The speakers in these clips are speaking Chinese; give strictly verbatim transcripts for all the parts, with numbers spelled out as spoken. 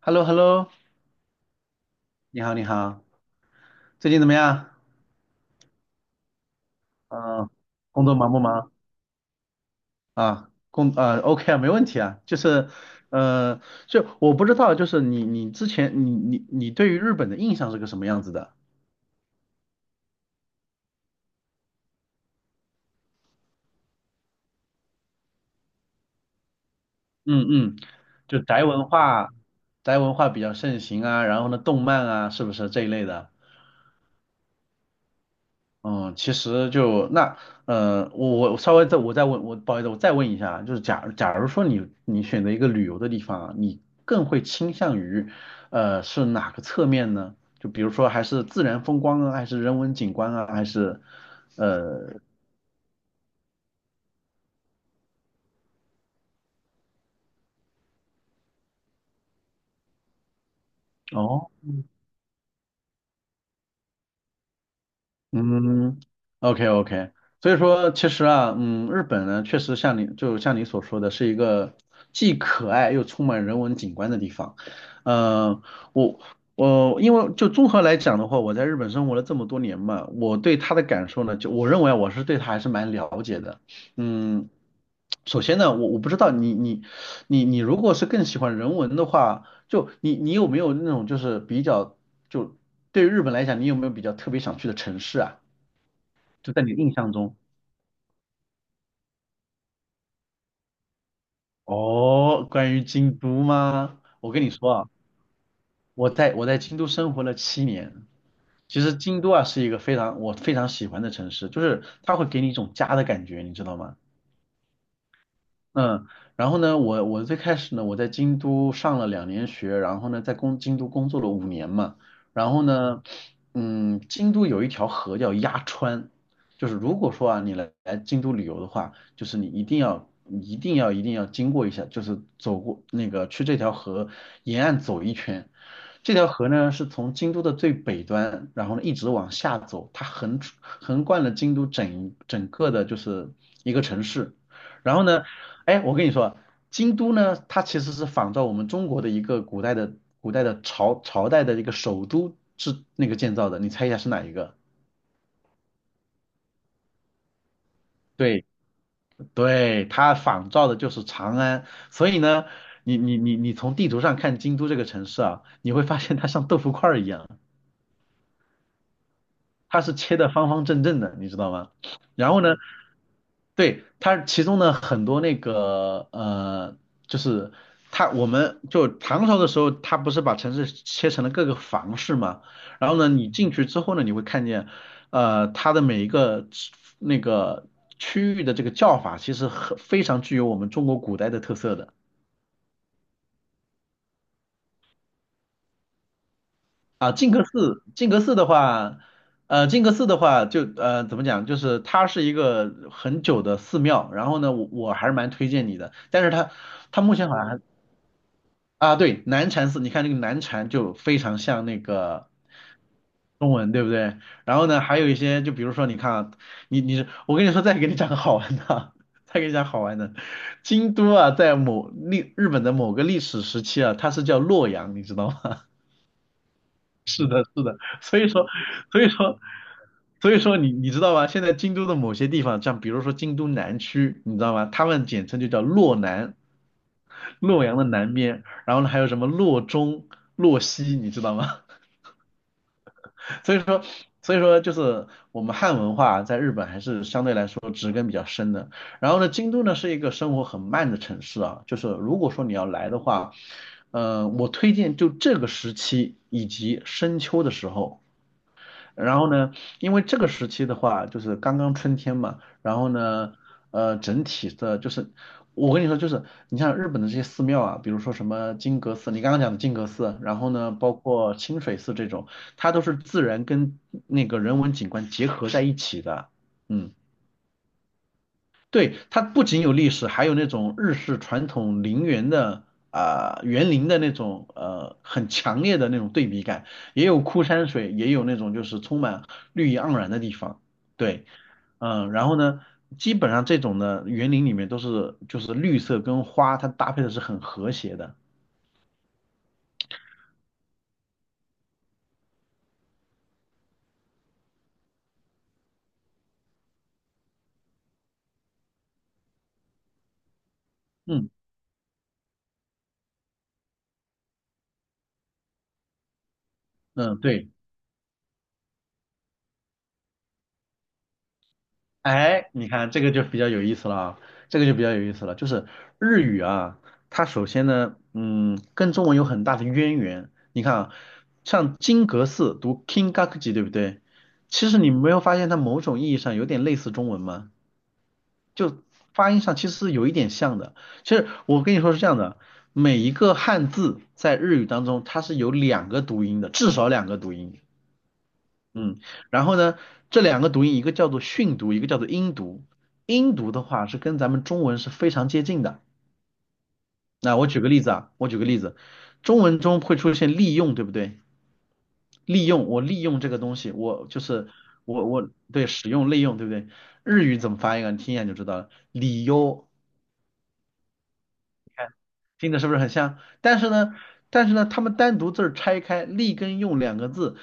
h e l l o h e l l o 你好，你好。最近怎么样？嗯、工作忙不忙啊？工啊 o k 啊，没问题啊。就是，呃，就我不知道，就是你你之前你你你对于日本的印象是个什么样子的？嗯嗯。就宅文化，宅文化比较盛行啊。然后呢，动漫啊，是不是这一类的？嗯，其实就那，呃，我我稍微再我再问，我不好意思，我再问一下啊，就是假假如说你你选择一个旅游的地方啊，你更会倾向于，呃，是哪个侧面呢？就比如说还是自然风光啊，还是人文景观啊，还是，呃，哦，嗯，OK OK。所以说其实啊，嗯，日本呢确实像你就像你所说的，是一个既可爱又充满人文景观的地方。呃，我我因为就综合来讲的话，我在日本生活了这么多年嘛，我对它的感受呢，就我认为啊我是对它还是蛮了解的。嗯，首先呢，我我不知道你你你你如果是更喜欢人文的话。就你你有没有那种就是比较就对于日本来讲，你有没有比较特别想去的城市啊？就在你的印象中。哦，关于京都吗？我跟你说啊，我在我在京都生活了七年。其实京都啊是一个非常我非常喜欢的城市，就是它会给你一种家的感觉，你知道吗？嗯，然后呢，我我最开始呢，我在京都上了两年学，然后呢，在工京都工作了五年嘛。然后呢，嗯，京都有一条河叫鸭川。就是如果说啊，你来来京都旅游的话，就是你一定要一定要一定要经过一下，就是走过那个去这条河沿岸走一圈。这条河呢是从京都的最北端，然后呢一直往下走，它横横贯了京都整整个的就是一个城市。然后呢，哎，我跟你说，京都呢，它其实是仿照我们中国的一个古代的古代的朝朝代的一个首都是那个建造的，你猜一下是哪一个？对对，它仿照的就是长安。所以呢，你你你你从地图上看京都这个城市啊，你会发现它像豆腐块儿一样。它是切的方方正正的，你知道吗？然后呢，对，它其中呢很多那个呃，就是它我们就唐朝的时候，它不是把城市切成了各个房市嘛？然后呢，你进去之后呢，你会看见，呃，它的每一个那个区域的这个叫法，其实很非常具有我们中国古代的特色的。啊，靖格寺，靖格寺的话，呃，靖格寺的话就，呃，怎么讲，就是它是一个很久的寺庙，然后呢，我我还是蛮推荐你的，但是它它目前好像还啊，对，南禅寺。你看那个南禅就非常像那个中文，对不对？然后呢，还有一些，就比如说你看啊，你你我跟你说，再给你讲个好玩的啊，再给你讲好玩的。京都啊，在某历日本的某个历史时期啊，它是叫洛阳，你知道吗？是的，是的。所以说，所以说，所以说你你知道吗？现在京都的某些地方，像比如说京都南区，你知道吗？他们简称就叫洛南，洛阳的南边。然后呢还有什么洛中、洛西，你知道吗？所以说，所以说就是我们汉文化在日本还是相对来说植根比较深的。然后呢，京都呢是一个生活很慢的城市啊，就是如果说你要来的话，呃，我推荐就这个时期以及深秋的时候。然后呢，因为这个时期的话，就是刚刚春天嘛，然后呢，呃，整体的就是，我跟你说，就是你像日本的这些寺庙啊，比如说什么金阁寺，你刚刚讲的金阁寺，然后呢，包括清水寺这种，它都是自然跟那个人文景观结合在一起的。嗯。对，它不仅有历史，还有那种日式传统陵园的啊、园林的那种呃很强烈的那种对比感，也有枯山水，也有那种就是充满绿意盎然的地方。对，嗯、然后呢，基本上这种的园林里面都是就是绿色跟花，它搭配的是很和谐的。嗯嗯，对。哎，你看这个就比较有意思了啊。这个就比较有意思了，就是日语啊，它首先呢，嗯，跟中文有很大的渊源。你看啊，像金阁寺读 Kingakuji，对不对？其实你没有发现它某种意义上有点类似中文吗？就发音上其实是有一点像的。其实我跟你说是这样的，每一个汉字在日语当中它是有两个读音的，至少两个读音。嗯，然后呢，这两个读音，一个叫做训读，一个叫做音读。音读的话是跟咱们中文是非常接近的。那我举个例子啊，我举个例子，中文中会出现利用，对不对？利用，我利用这个东西，我就是我我对使用利用，对不对？日语怎么翻译啊？你听一下你就知道了，理由。听着是不是很像？但是呢，但是呢，他们单独字儿拆开，立跟用两个字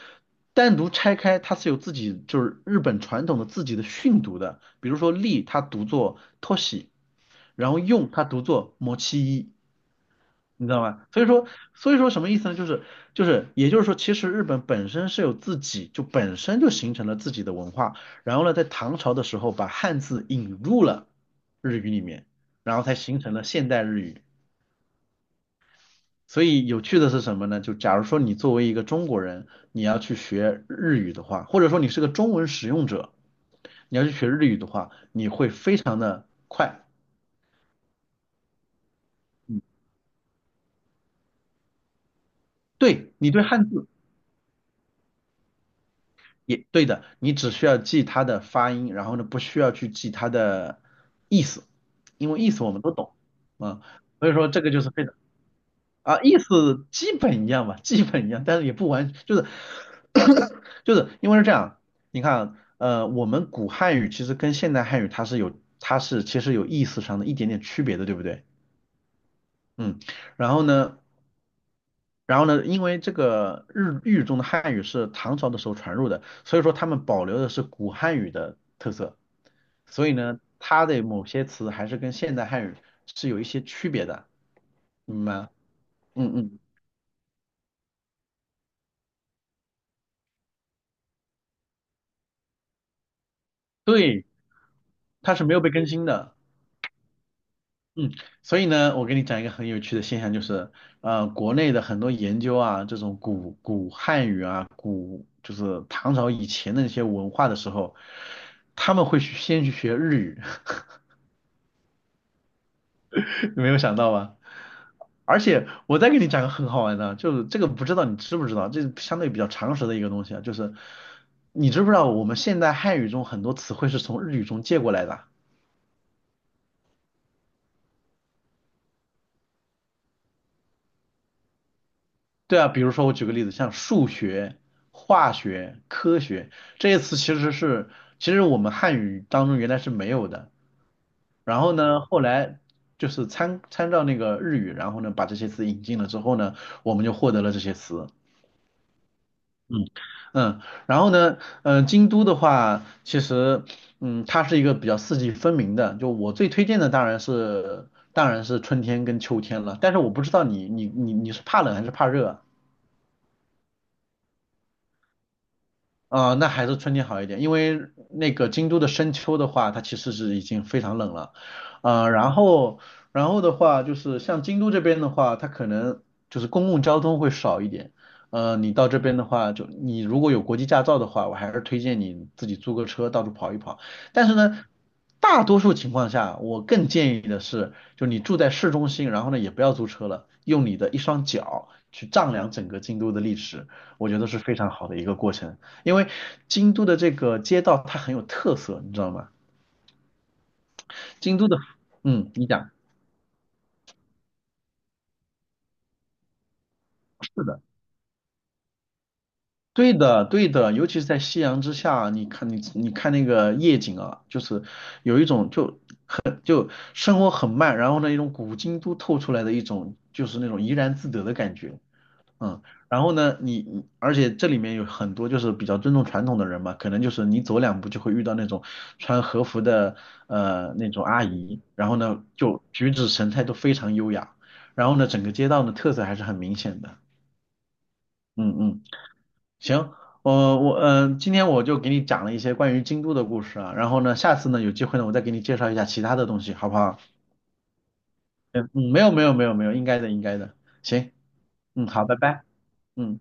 单独拆开，它是有自己就是日本传统的自己的训读的。比如说立，它读作 t o s i 然后用它读作 mochi，你知道吗？所以说，所以说什么意思呢？就是就是，也就是说，其实日本本身是有自己就本身就形成了自己的文化。然后呢，在唐朝的时候把汉字引入了日语里面，然后才形成了现代日语。所以有趣的是什么呢？就假如说你作为一个中国人，你要去学日语的话，或者说你是个中文使用者，你要去学日语的话，你会非常的快。嗯，对，你对汉字也对的，你只需要记它的发音，然后呢，不需要去记它的意思，因为意思我们都懂啊。所以说这个就是非常。啊，意思基本一样吧，基本一样，但是也不完，就是 就是因为是这样，你看，呃，我们古汉语其实跟现代汉语它是有，它是其实有意思上的一点点区别的，对不对？嗯，然后呢，然后呢，因为这个日语中的汉语是唐朝的时候传入的，所以说他们保留的是古汉语的特色，所以呢，它的某些词还是跟现代汉语是有一些区别的，明白吗？嗯嗯。对，它是没有被更新的。嗯，所以呢，我给你讲一个很有趣的现象，就是，呃，国内的很多研究啊，这种古古汉语啊，古就是唐朝以前的那些文化的时候，他们会去先去学日语，你没有想到吧？而且我再给你讲个很好玩的，就是这个不知道你知不知道，这是相对比较常识的一个东西啊，就是你知不知道我们现代汉语中很多词汇是从日语中借过来的？对啊，比如说我举个例子，像数学、化学、科学这些词，其实是其实我们汉语当中原来是没有的。然后呢，后来就是参参照那个日语，然后呢把这些词引进了之后呢，我们就获得了这些词。嗯嗯，然后呢，呃，京都的话，其实嗯，它是一个比较四季分明的。就我最推荐的当然是当然是春天跟秋天了，但是我不知道你你你你是怕冷还是怕热啊？啊，那还是春天好一点，因为那个京都的深秋的话，它其实是已经非常冷了。呃，然后，然后的话就是像京都这边的话，它可能就是公共交通会少一点。呃，你到这边的话，就你如果有国际驾照的话，我还是推荐你自己租个车到处跑一跑。但是呢，大多数情况下，我更建议的是，就你住在市中心，然后呢也不要租车了，用你的一双脚去丈量整个京都的历史，我觉得是非常好的一个过程。因为京都的这个街道它很有特色，你知道吗？京都的，嗯，你讲，是的，对的，对的，尤其是在夕阳之下，你看你你看那个夜景啊，就是有一种就就生活很慢，然后呢一种古京都透出来的一种就是那种怡然自得的感觉。嗯，然后呢，你你而且这里面有很多就是比较尊重传统的人嘛，可能就是你走两步就会遇到那种穿和服的呃那种阿姨，然后呢就举止神态都非常优雅，然后呢整个街道呢特色还是很明显的。嗯嗯，行，我我嗯、呃今天我就给你讲了一些关于京都的故事啊，然后呢下次呢有机会呢我再给你介绍一下其他的东西，好不好？嗯嗯，没有没有没有没有，应该的应该的，行，嗯好，拜拜，嗯。